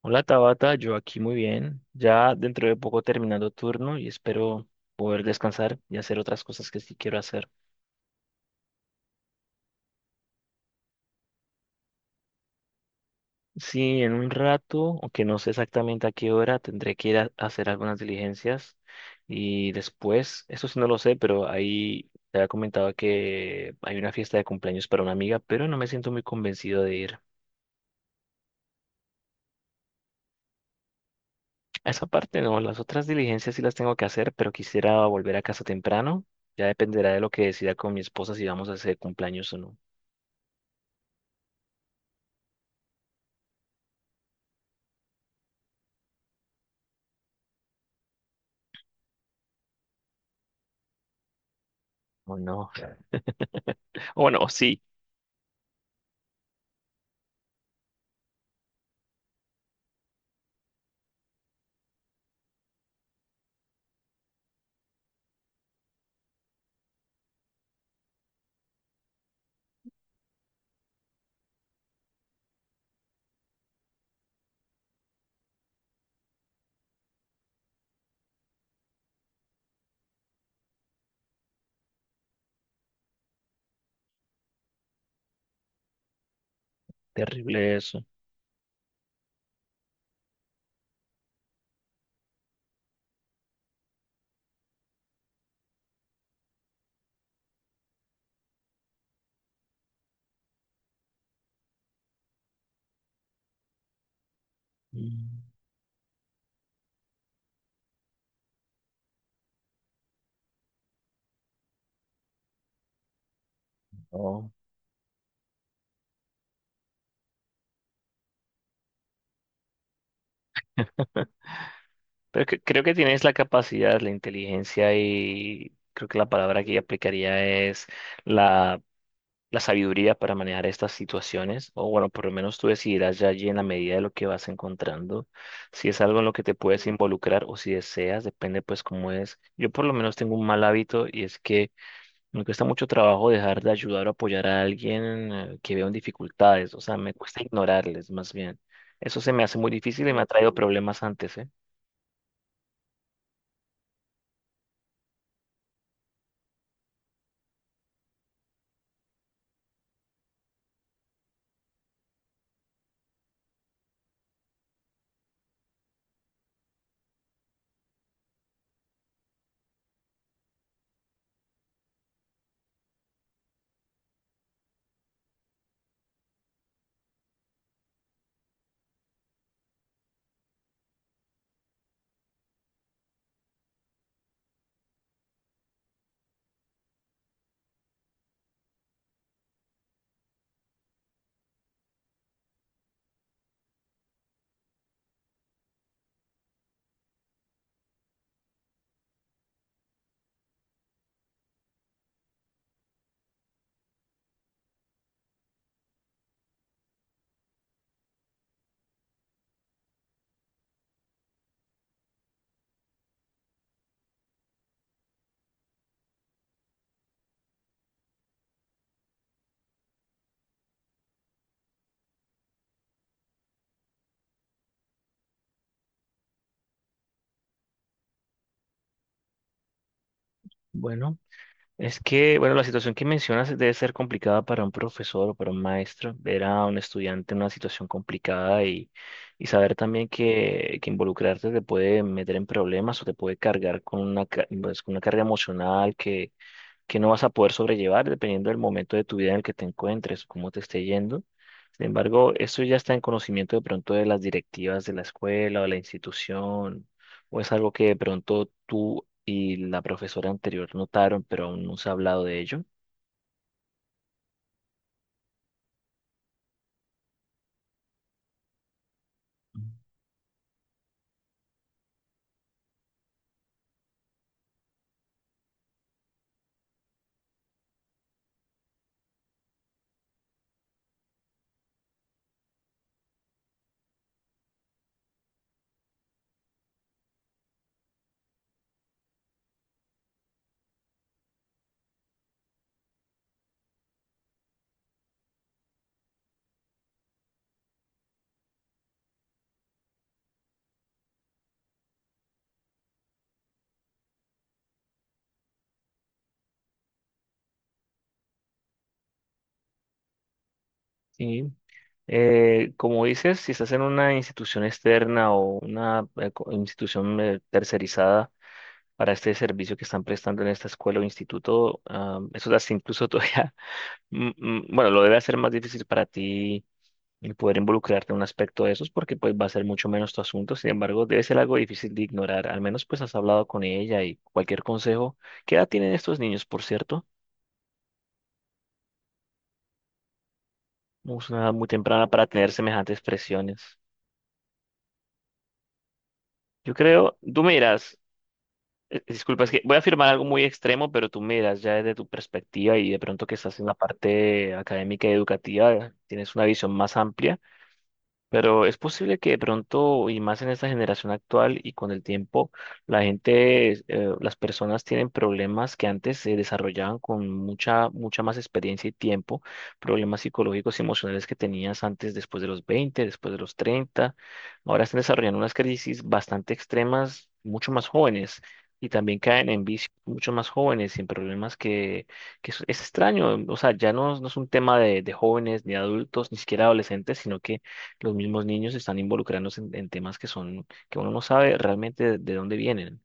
Hola Tabata, yo aquí muy bien, ya dentro de poco terminando turno y espero poder descansar y hacer otras cosas que sí quiero hacer. Sí, en un rato, aunque no sé exactamente a qué hora, tendré que ir a hacer algunas diligencias y después, eso sí no lo sé, pero ahí te había comentado que hay una fiesta de cumpleaños para una amiga, pero no me siento muy convencido de ir. A esa parte no, las otras diligencias sí las tengo que hacer, pero quisiera volver a casa temprano. Ya dependerá de lo que decida con mi esposa si vamos a hacer cumpleaños o no. O no. O no, sí. Terrible eso. Mm. No. Creo que tienes la capacidad, la inteligencia y creo que la palabra que yo aplicaría es la, la sabiduría para manejar estas situaciones. O bueno, por lo menos tú decidirás ya allí en la medida de lo que vas encontrando. Si es algo en lo que te puedes involucrar o si deseas, depende pues cómo es. Yo por lo menos tengo un mal hábito y es que me cuesta mucho trabajo dejar de ayudar o apoyar a alguien que veo en dificultades, o sea, me cuesta ignorarles más bien. Eso se me hace muy difícil y me ha traído problemas antes, ¿eh? Bueno, es que, bueno, la situación que mencionas debe ser complicada para un profesor o para un maestro, ver a un estudiante en una situación complicada y saber también que involucrarte te puede meter en problemas o te puede cargar con una, pues, con una carga emocional que no vas a poder sobrellevar dependiendo del momento de tu vida en el que te encuentres, cómo te esté yendo. Sin embargo, eso ya está en conocimiento de pronto de las directivas de la escuela o de la institución, o es algo que de pronto tú y la profesora anterior notaron, pero aún no se ha hablado de ello. Sí. Como dices, si estás en una institución externa o una institución tercerizada, para este servicio que están prestando en esta escuela o instituto. Ah, eso da incluso todavía. Mm, mm, bueno, lo debe hacer más difícil para ti el poder involucrarte en un aspecto de esos porque pues va a ser mucho menos tu asunto. Sin embargo, debe ser algo difícil de ignorar. Al menos pues has hablado con ella y cualquier consejo. ¿Qué edad tienen estos niños, por cierto? No. Es una edad muy temprana para tener semejantes presiones. Yo creo, disculpa, es que voy a afirmar algo muy extremo, pero tú miras ya desde tu perspectiva y de pronto que estás en la parte académica y educativa, tienes una visión más amplia. Pero es posible que de pronto, y más en esta generación actual y con el tiempo, la gente, las personas tienen problemas que antes se desarrollaban con mucha, mucha más experiencia y tiempo, problemas psicológicos y emocionales que tenías antes, después de los 20, después de los 30. Ahora están desarrollando unas crisis bastante extremas, mucho más jóvenes. Y también caen en vicios mucho más jóvenes y en problemas que, es extraño. O sea, ya no, no es un tema de jóvenes, ni adultos, ni siquiera adolescentes, sino que los mismos niños están involucrándose en temas que son, que uno no sabe realmente de dónde vienen.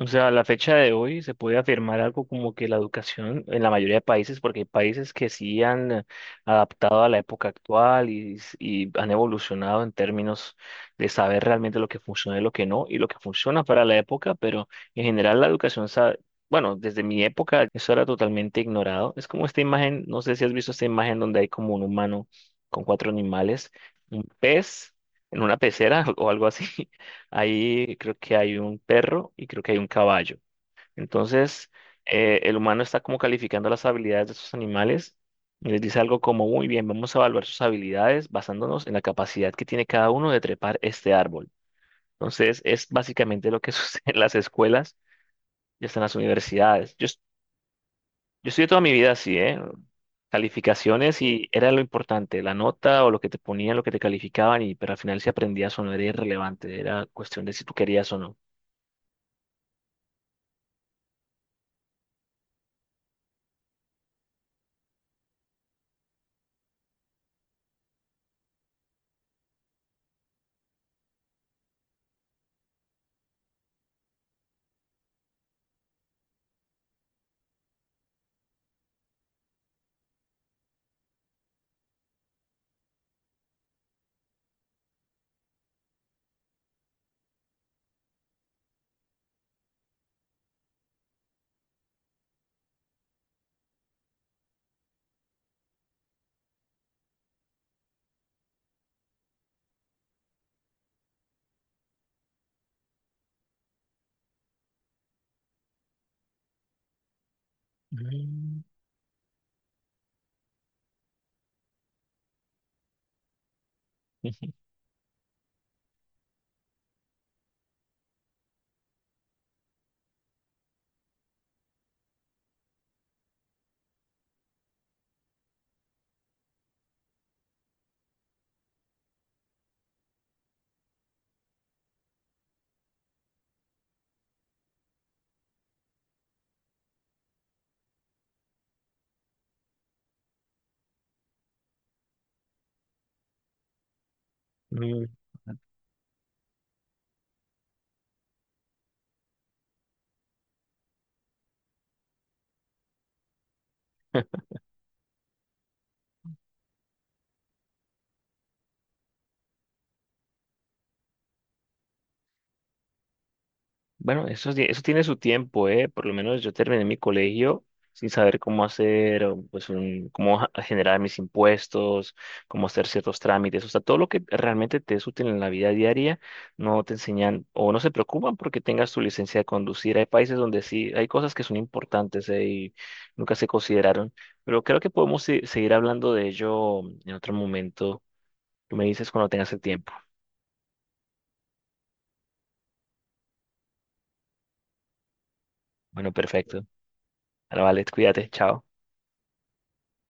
O sea, a la fecha de hoy se puede afirmar algo como que la educación en la mayoría de países, porque hay países que sí han adaptado a la época actual y han evolucionado en términos de saber realmente lo que funciona y lo que no, y lo que funciona para la época, pero en general la educación, bueno, desde mi época eso era totalmente ignorado. Es como esta imagen, no sé si has visto esta imagen donde hay como un humano con cuatro animales, un pez en una pecera o algo así. Ahí creo que hay un perro y creo que hay un caballo. Entonces, el humano está como calificando las habilidades de estos animales y les dice algo como, muy bien, vamos a evaluar sus habilidades basándonos en la capacidad que tiene cada uno de trepar este árbol. Entonces, es básicamente lo que sucede en las escuelas y hasta en las universidades. Yo estudié toda mi vida así, ¿eh? Calificaciones y era lo importante, la nota o lo que te ponían, lo que te calificaban, y, pero al final si aprendías o no era irrelevante, era cuestión de si tú querías o no. Mm. Ujú. Mm. Bueno, eso tiene su tiempo, ¿eh? Por lo menos yo terminé mi colegio sin saber cómo hacer, o, pues, cómo generar mis impuestos, cómo hacer ciertos trámites. O sea, todo lo que realmente te es útil en la vida diaria, no te enseñan o no se preocupan porque tengas tu licencia de conducir. Hay países donde sí, hay cosas que son importantes, ¿eh? Y nunca se consideraron. Pero creo que podemos seguir hablando de ello en otro momento. Tú me dices cuando tengas el tiempo. Bueno, perfecto. Ahora vale, cuídate, chao.